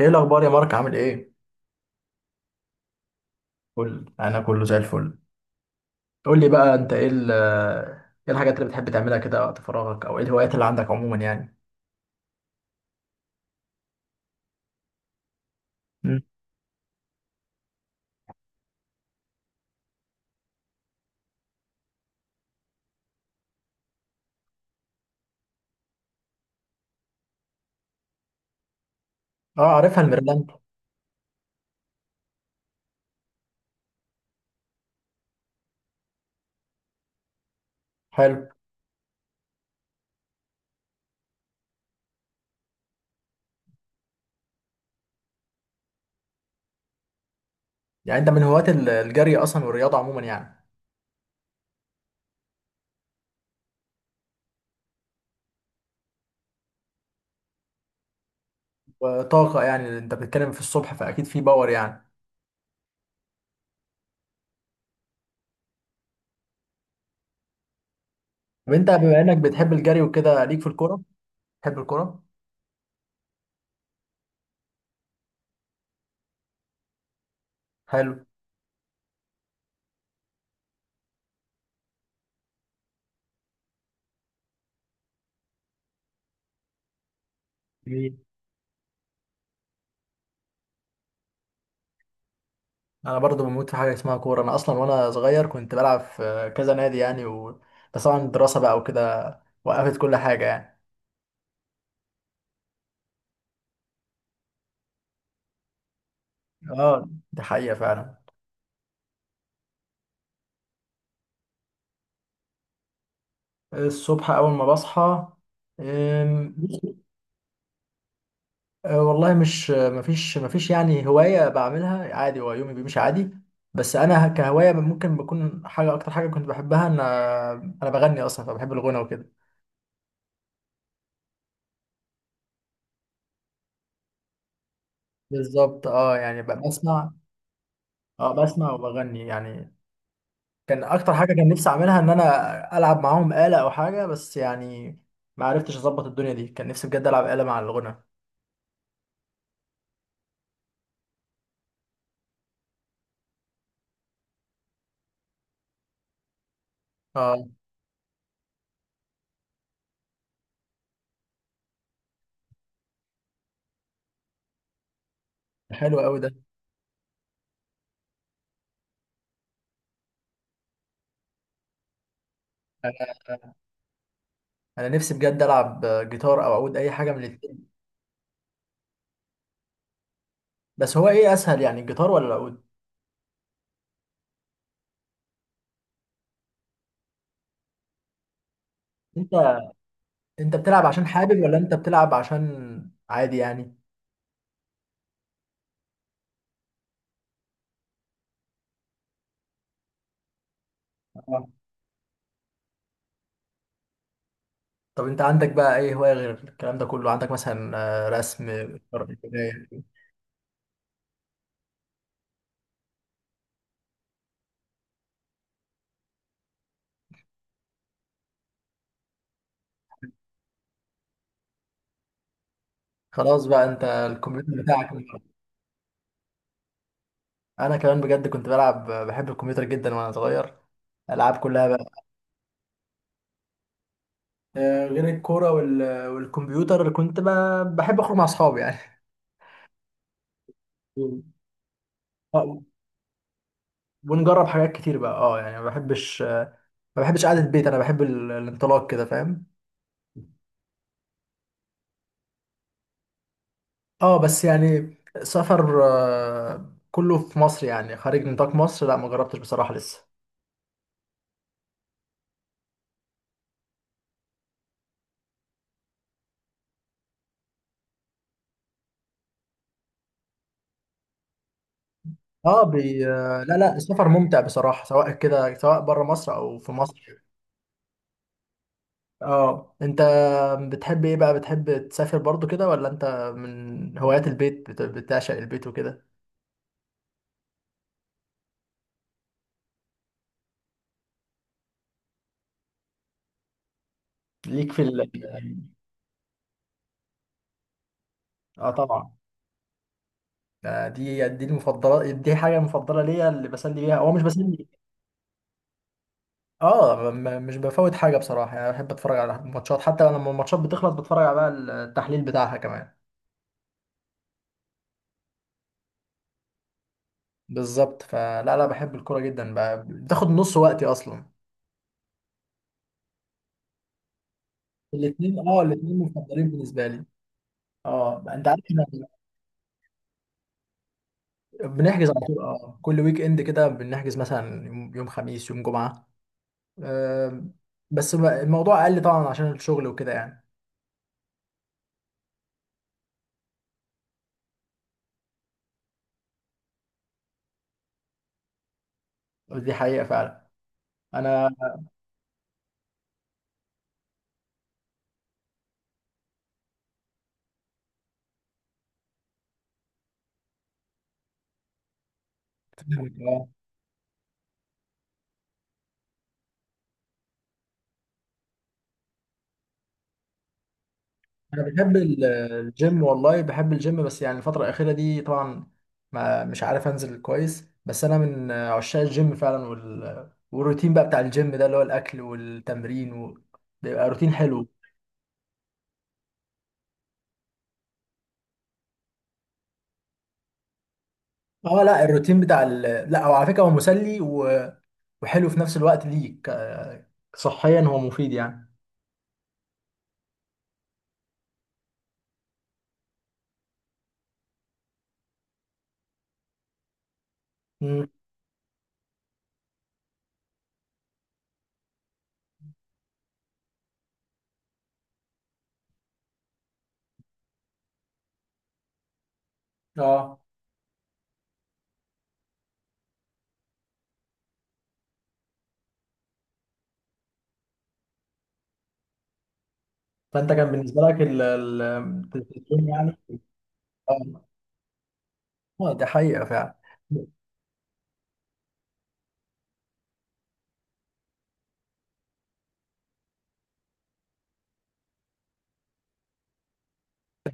ايه الاخبار يا مارك؟ عامل ايه؟ قول، انا كله زي الفل. قول لي بقى انت ايه الحاجات اللي بتحب تعملها كده وقت فراغك، او ايه الهوايات اللي عندك عموما يعني؟ مم. اه، عارفها الميرلاند. حلو. يعني انت من هواة الجري اصلا والرياضه عموما يعني؟ وطاقه، يعني انت بتتكلم في الصبح فاكيد في باور يعني. طب انت بما انك بتحب الجري وكده، ليك في الكوره؟ بتحب الكوره؟ حلو. جميل. انا برضو بموت في حاجه اسمها كوره، انا اصلا وانا صغير كنت بلعب في كذا نادي يعني و... بس طبعا الدراسه بقى وكده وقفت كل حاجه يعني. اه، دي حقيقة فعلا. الصبح أول ما بصحى. أم، والله مش مفيش يعني هواية بعملها، عادي، هو يومي بيمشي عادي. بس أنا كهواية ممكن بكون حاجة، أكتر حاجة كنت بحبها إن أنا بغني أصلا، فبحب الغنى وكده. بالظبط، اه، يعني بسمع. اه، بسمع وبغني يعني. كان أكتر حاجة كان نفسي أعملها إن أنا ألعب معاهم آلة أو حاجة بس يعني ما عرفتش أظبط الدنيا دي. كان نفسي بجد ألعب آلة مع الغنى. اه، حلو أوي ده. انا نفسي بجد العب جيتار او عود، اي حاجه من الاثنين. بس هو ايه اسهل يعني، الجيتار ولا العود؟ انت انت بتلعب عشان حابب ولا انت بتلعب عشان عادي يعني؟ آه. طب انت عندك بقى ايه هوايه غير الكلام ده كله؟ عندك مثلا رسم؟ قراية. خلاص بقى، انت الكمبيوتر بتاعك. انا كمان بجد كنت بلعب، بحب الكمبيوتر جدا وانا صغير، العاب كلها بقى. غير الكوره والكمبيوتر كنت بحب اخرج مع اصحابي يعني. مم. آه، ونجرب حاجات كتير بقى، اه يعني، ما بحبش قعدة البيت، انا بحب الانطلاق كده فاهم. اه بس يعني سفر كله في مصر يعني، خارج نطاق مصر لا ما جربتش بصراحة لسه. اه بي... آه، لا لا، السفر ممتع بصراحة، سواء كده سواء بره مصر او في مصر. اه، انت بتحب ايه بقى، بتحب تسافر برضو كده ولا انت من هوايات البيت، بتعشق البيت وكده؟ ليك في ال... اه طبعا. دي المفضلة، دي حاجة مفضلة ليا اللي بسلي بيها، هو مش بسلي. اه، مش بفوت حاجه بصراحه يعني. بحب اتفرج على الماتشات، حتى لما الماتشات بتخلص بتفرج على بقى التحليل بتاعها كمان. بالظبط، فلا لا بحب الكوره جدا بقى، بتاخد نص وقتي اصلا. الاثنين، اه الاثنين مفضلين بالنسبه لي. اه انت عارف احنا بنحجز على طول، اه كل ويك اند كده بنحجز مثلا يوم، يوم خميس يوم جمعه. آه. بس بقى الموضوع اقل طبعا عشان الشغل وكده يعني. دي حقيقه فعلا. انا انا بحب الجيم، والله بحب الجيم، بس يعني الفتره الاخيره دي طبعا ما مش عارف انزل كويس، بس انا من عشاق الجيم فعلا والروتين بقى بتاع الجيم ده اللي هو الاكل والتمرين و... بيبقى روتين حلو. اه لا الروتين بتاع ال... لا هو على فكره هو مسلي و... وحلو في نفس الوقت ليك. صحيا هو مفيد يعني. امم اه، فانت كان بالنسبه لك ال... ال... الجيم يعني. اه ده حقيقه فعلا.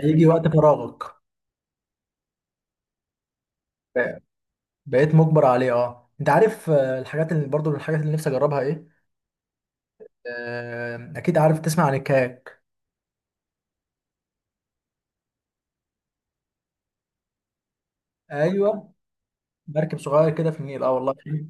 هيجي وقت فراغك، بقيت مجبر عليه. اه، انت عارف الحاجات اللي برضو من الحاجات اللي نفسي اجربها ايه؟ اكيد عارف تسمع عن الكاك. ايوه، مركب صغير كده في النيل، اه والله في-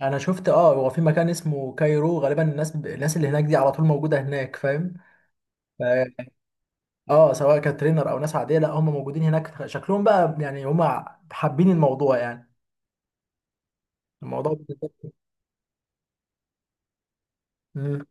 انا شفت، اه هو في مكان اسمه كايرو غالبا، الناس اللي هناك دي على طول موجوده هناك فاهم. ف- اه، سواء كترينر او ناس عاديه، لا هم موجودين هناك، شكلهم بقى يعني هم حابين الموضوع يعني. الموضوع بالنسبة- مم،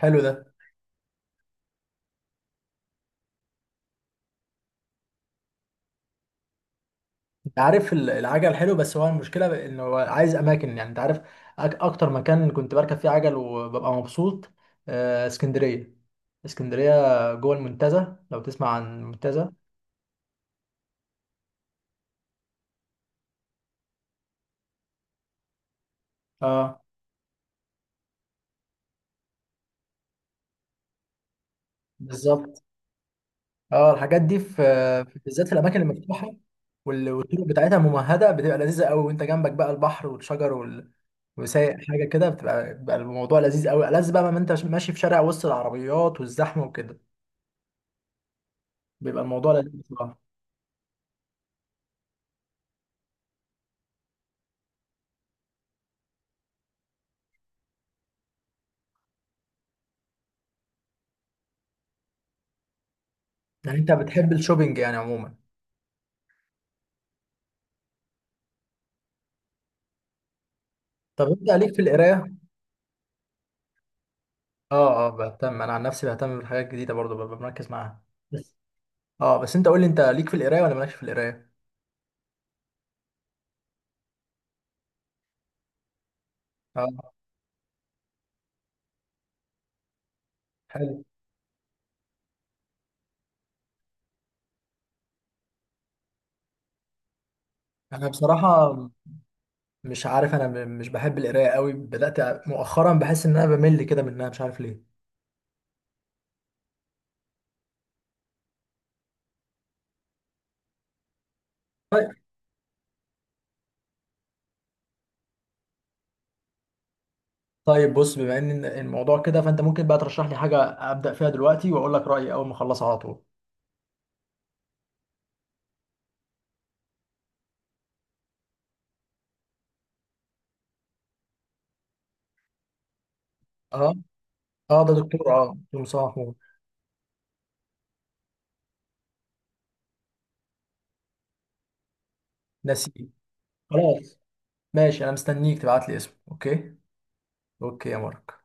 حلو ده. انت عارف العجل حلو، بس هو المشكله انه هو عايز اماكن يعني. انت عارف أك- اكتر مكان كنت بركب فيه عجل وببقى مبسوط اسكندريه. اسكندريه جوه المنتزه، لو تسمع عن المنتزه. اه بالظبط. اه، الحاجات دي في في- بالذات في الاماكن المفتوحه، والطرق بتاعتها ممهده، بتبقى لذيذه قوي وانت جنبك بقى البحر والشجر وال... وسايق حاجه كده، بتبقى بيبقى الموضوع لذيذ قوي، ألذ بقى ما انت ماشي في شارع وسط العربيات والزحمه وكده. بيبقى الموضوع لذيذ بصراحة. يعني انت بتحب الشوبينج يعني عموما؟ طب انت ليك في القرايه؟ اه اه بهتم، انا عن نفسي بهتم بالحاجات الجديده برضو، ببقى مركز معاها. بس اه، بس انت قول لي، انت ليك في القرايه ولا مالكش في القرايه؟ اه، حلو. انا بصراحه مش عارف، انا مش بحب القرايه قوي، بدات مؤخرا بحس ان انا بمل كده منها مش عارف ليه. طيب. طيب، بص بما ان الموضوع كده فانت ممكن بقى ترشح لي حاجه ابدا فيها دلوقتي واقول لك رايي اول ما اخلصها على طول. اه. اه، ده دكتور، اه دكتور مصطفى محمود. نسيب. خلاص. ماشي، انا مستنيك تبعت لي اسمه. اوكي. اوكي يا مارك.